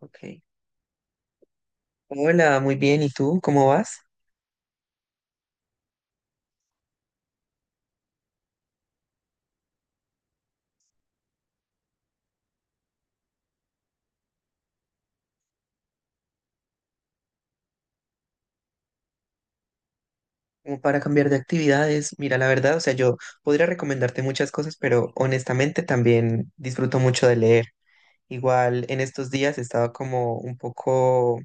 Ok. Hola, muy bien. ¿Y tú? ¿Cómo vas? Como para cambiar de actividades. Mira, la verdad, o sea, yo podría recomendarte muchas cosas, pero honestamente también disfruto mucho de leer. Igual en estos días he estado como un poco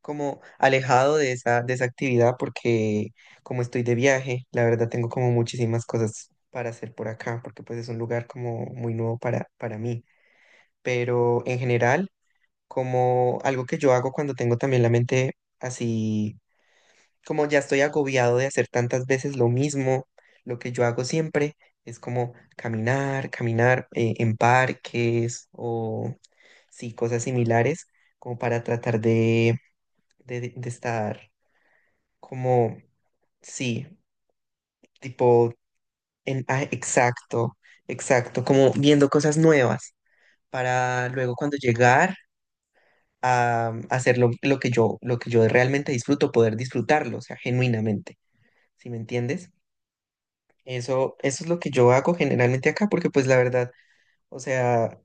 como alejado de esa actividad porque como estoy de viaje, la verdad tengo como muchísimas cosas para hacer por acá, porque pues es un lugar como muy nuevo para mí. Pero en general, como algo que yo hago cuando tengo también la mente así como ya estoy agobiado de hacer tantas veces lo mismo, lo que yo hago siempre es como caminar, caminar en parques o sí, cosas similares, como para tratar de estar como, sí, tipo, en, exacto, exacto, como viendo cosas nuevas para luego cuando llegar a hacer lo que yo realmente disfruto, poder disfrutarlo, o sea, genuinamente, ¿sí me entiendes? Eso es lo que yo hago generalmente acá, porque pues la verdad, o sea,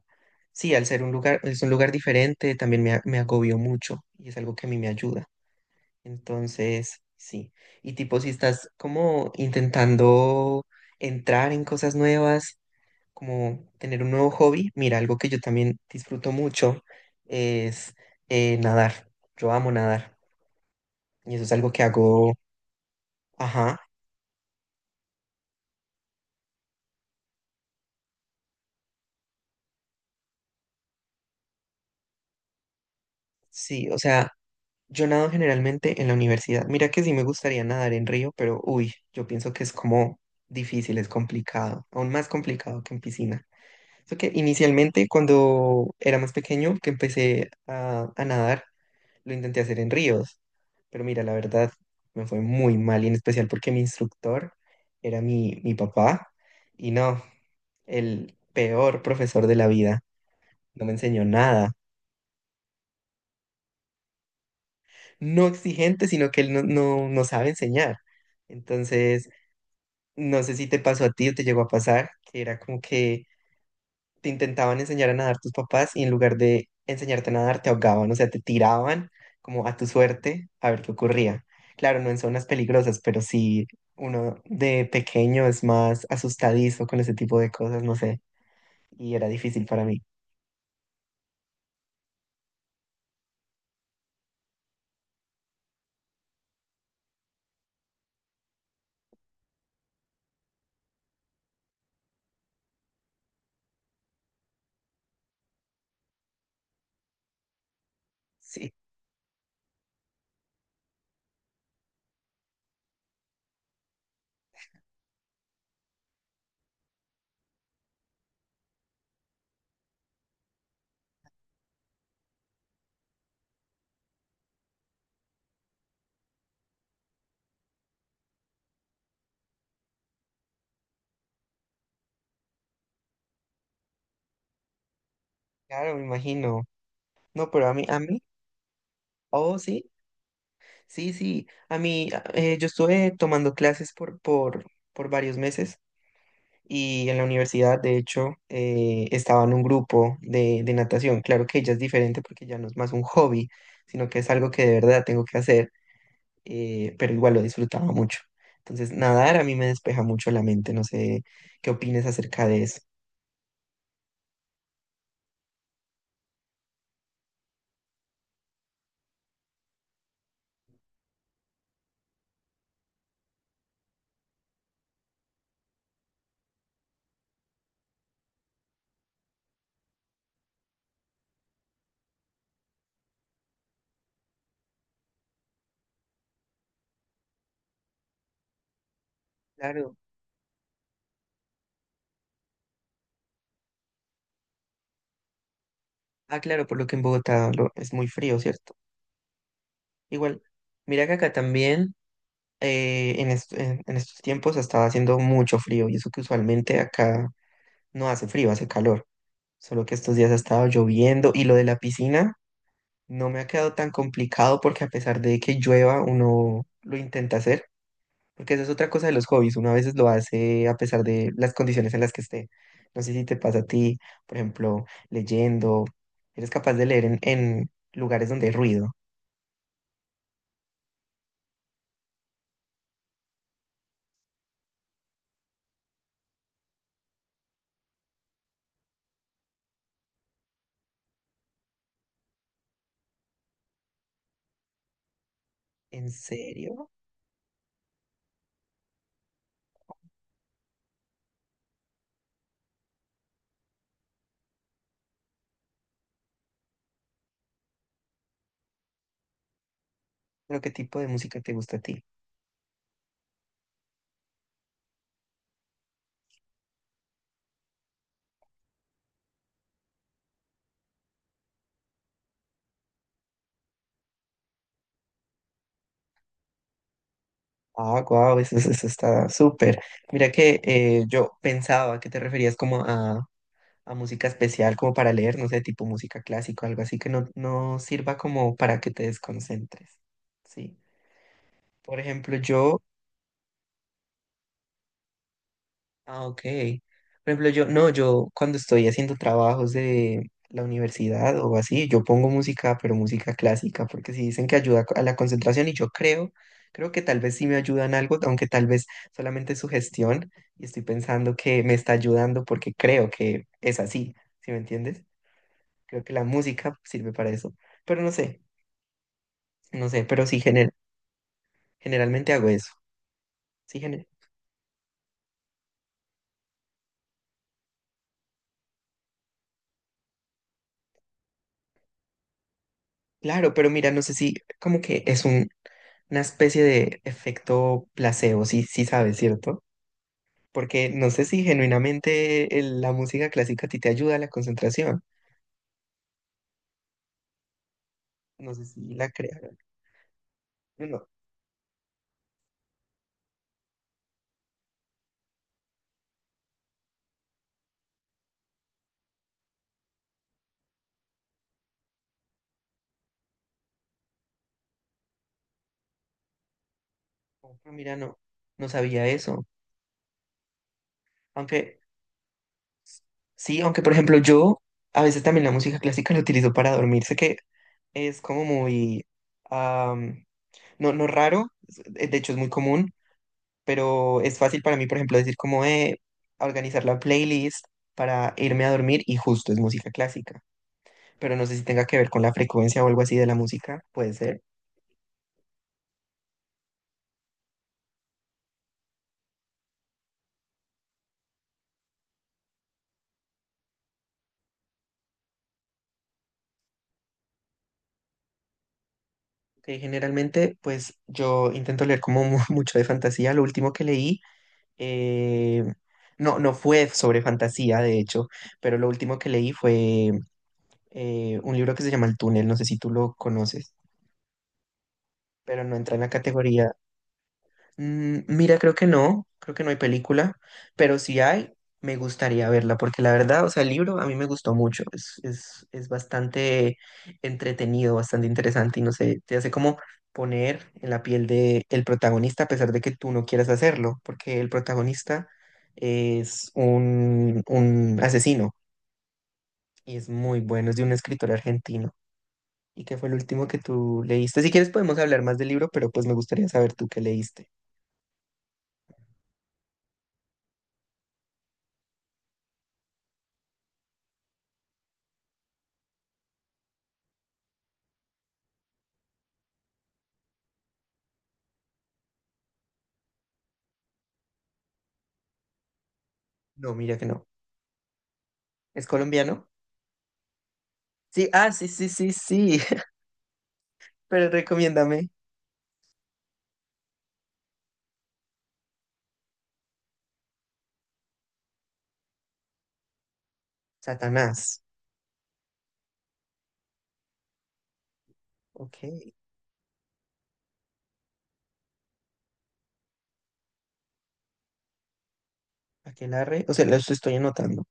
sí, al ser un lugar, es un lugar diferente, también me, me agobió mucho y es algo que a mí me ayuda. Entonces, sí. Y tipo, si estás como intentando entrar en cosas nuevas, como tener un nuevo hobby, mira, algo que yo también disfruto mucho es nadar. Yo amo nadar y eso es algo que hago, ajá, sí, o sea. Yo nado generalmente en la universidad. Mira que sí me gustaría nadar en río, pero uy, yo pienso que es como difícil, es complicado, aún más complicado que en piscina. Eso que inicialmente cuando era más pequeño que empecé a nadar, lo intenté hacer en ríos, pero mira, la verdad me fue muy mal y en especial porque mi instructor era mi papá y no, el peor profesor de la vida. No me enseñó nada. No exigente, sino que él no, no sabe enseñar. Entonces, no sé si te pasó a ti o te llegó a pasar, que era como que te intentaban enseñar a nadar tus papás y en lugar de enseñarte a nadar te ahogaban, o sea, te tiraban como a tu suerte a ver qué ocurría. Claro, no en zonas peligrosas, pero sí uno de pequeño es más asustadizo con ese tipo de cosas, no sé, y era difícil para mí. Sí, claro, me imagino. No, pero a mí, oh, sí, sí, sí, a mí, yo estuve tomando clases por varios meses y en la universidad, de hecho, estaba en un grupo de natación. Claro que ella es diferente porque ya no es más un hobby, sino que es algo que de verdad tengo que hacer, pero igual lo disfrutaba mucho. Entonces, nadar a mí me despeja mucho la mente. No sé qué opines acerca de eso. Claro. Ah, claro, por lo que en Bogotá es muy frío, ¿cierto? Igual, mira que acá también en estos tiempos estaba haciendo mucho frío y eso que usualmente acá no hace frío, hace calor. Solo que estos días ha estado lloviendo y lo de la piscina no me ha quedado tan complicado porque a pesar de que llueva, uno lo intenta hacer, porque esa es otra cosa de los hobbies, uno a veces lo hace a pesar de las condiciones en las que esté. No sé si te pasa a ti, por ejemplo, leyendo, eres capaz de leer en lugares donde hay ruido. ¿En serio? ¿Pero qué tipo de música te gusta a ti? Ah, guau, eso está súper. Mira que yo pensaba que te referías como a música especial como para leer, no sé, tipo música clásica, algo así que no, no sirva como para que te desconcentres. Sí. Por ejemplo, yo, ah, ok. Por ejemplo, yo, no, yo cuando estoy haciendo trabajos de la universidad o así, yo pongo música, pero música clásica, porque si dicen que ayuda a la concentración y yo creo, creo que tal vez sí me ayudan algo, aunque tal vez solamente es sugestión y estoy pensando que me está ayudando porque creo que es así, ¿sí me entiendes? Creo que la música sirve para eso. Pero no sé, no sé, pero sí generalmente hago eso. Sí, claro, pero mira, no sé si como que es una especie de efecto placebo, sí, sí sabes, ¿cierto? Porque no sé si genuinamente la música clásica a ti te ayuda a la concentración. No sé si la crearon. No, no, ah, mira, no, no sabía eso. Aunque sí, aunque por ejemplo yo a veces también la música clásica la utilizo para dormir. Sé que es como muy... no, no raro, de hecho es muy común, pero es fácil para mí, por ejemplo, decir como organizar la playlist para irme a dormir y justo es música clásica, pero no sé si tenga que ver con la frecuencia o algo así de la música, puede ser. Que generalmente, pues yo intento leer como mucho de fantasía. Lo último que leí, eh, no, no fue sobre fantasía, de hecho, pero lo último que leí fue un libro que se llama El Túnel, no sé si tú lo conoces, pero no entra en la categoría. Mm, mira, creo que no hay película, pero si hay, me gustaría verla, porque la verdad, o sea, el libro a mí me gustó mucho, es, es bastante entretenido, bastante interesante y no sé, te hace como poner en la piel de el protagonista a pesar de que tú no quieras hacerlo, porque el protagonista es un asesino y es muy bueno, es de un escritor argentino. ¿Y qué fue el último que tú leíste? Si quieres podemos hablar más del libro, pero pues me gustaría saber tú qué leíste. No, mira que no. ¿Es colombiano? Sí, ah, sí, sí, sí, sí. Pero recomiéndame. Satanás. Ok. Aquelarre. O sea, lo estoy anotando.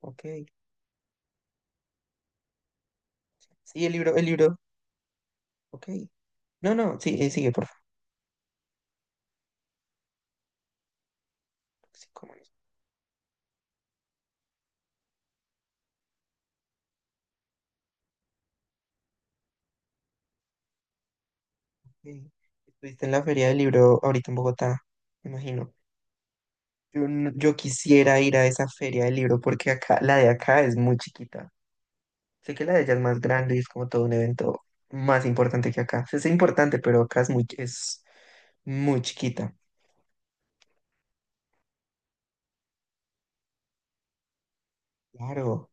Ok. Sí, el libro, el libro. Ok. No, no, sí, sigue, por favor. Sí, cómo no. Sí. Estuviste en la Feria del Libro ahorita en Bogotá, me imagino. Yo, yo quisiera ir a esa Feria del Libro porque acá, la de acá es muy chiquita. Sé que la de allá es más grande y es como todo un evento más importante que acá. O sea, es importante, pero acá es muy chiquita. Claro,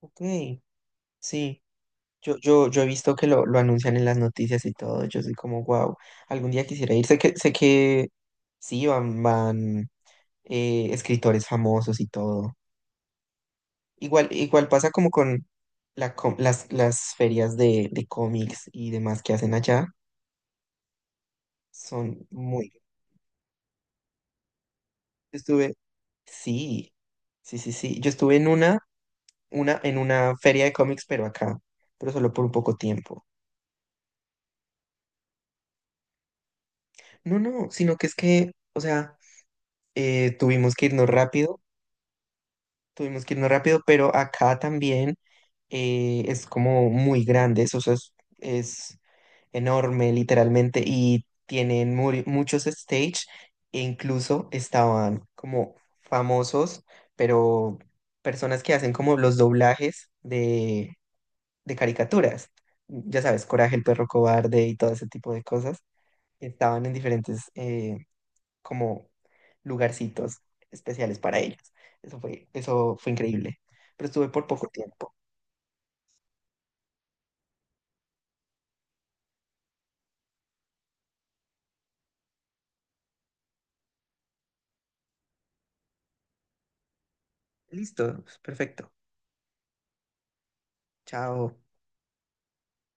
ok, sí. Yo he visto que lo anuncian en las noticias y todo. Yo soy como, wow, algún día quisiera ir. Sé que sí, van, van escritores famosos y todo. Igual, igual pasa como con la las ferias de cómics y demás que hacen allá. Son muy... yo estuve, sí, sí, sí, sí. Yo estuve en una, en una feria de cómics, pero acá, pero solo por un poco tiempo. No, no, sino que es que, o sea, tuvimos que irnos rápido. Tuvimos que irnos rápido, pero acá también es como muy grande, eso, o sea, es enorme literalmente y tienen muchos stage e incluso estaban como famosos, pero personas que hacen como los doblajes de caricaturas, ya sabes, Coraje, el perro cobarde y todo ese tipo de cosas, estaban en diferentes como lugarcitos especiales para ellos. Eso fue increíble. Pero estuve por poco tiempo. Listo, perfecto. Chao.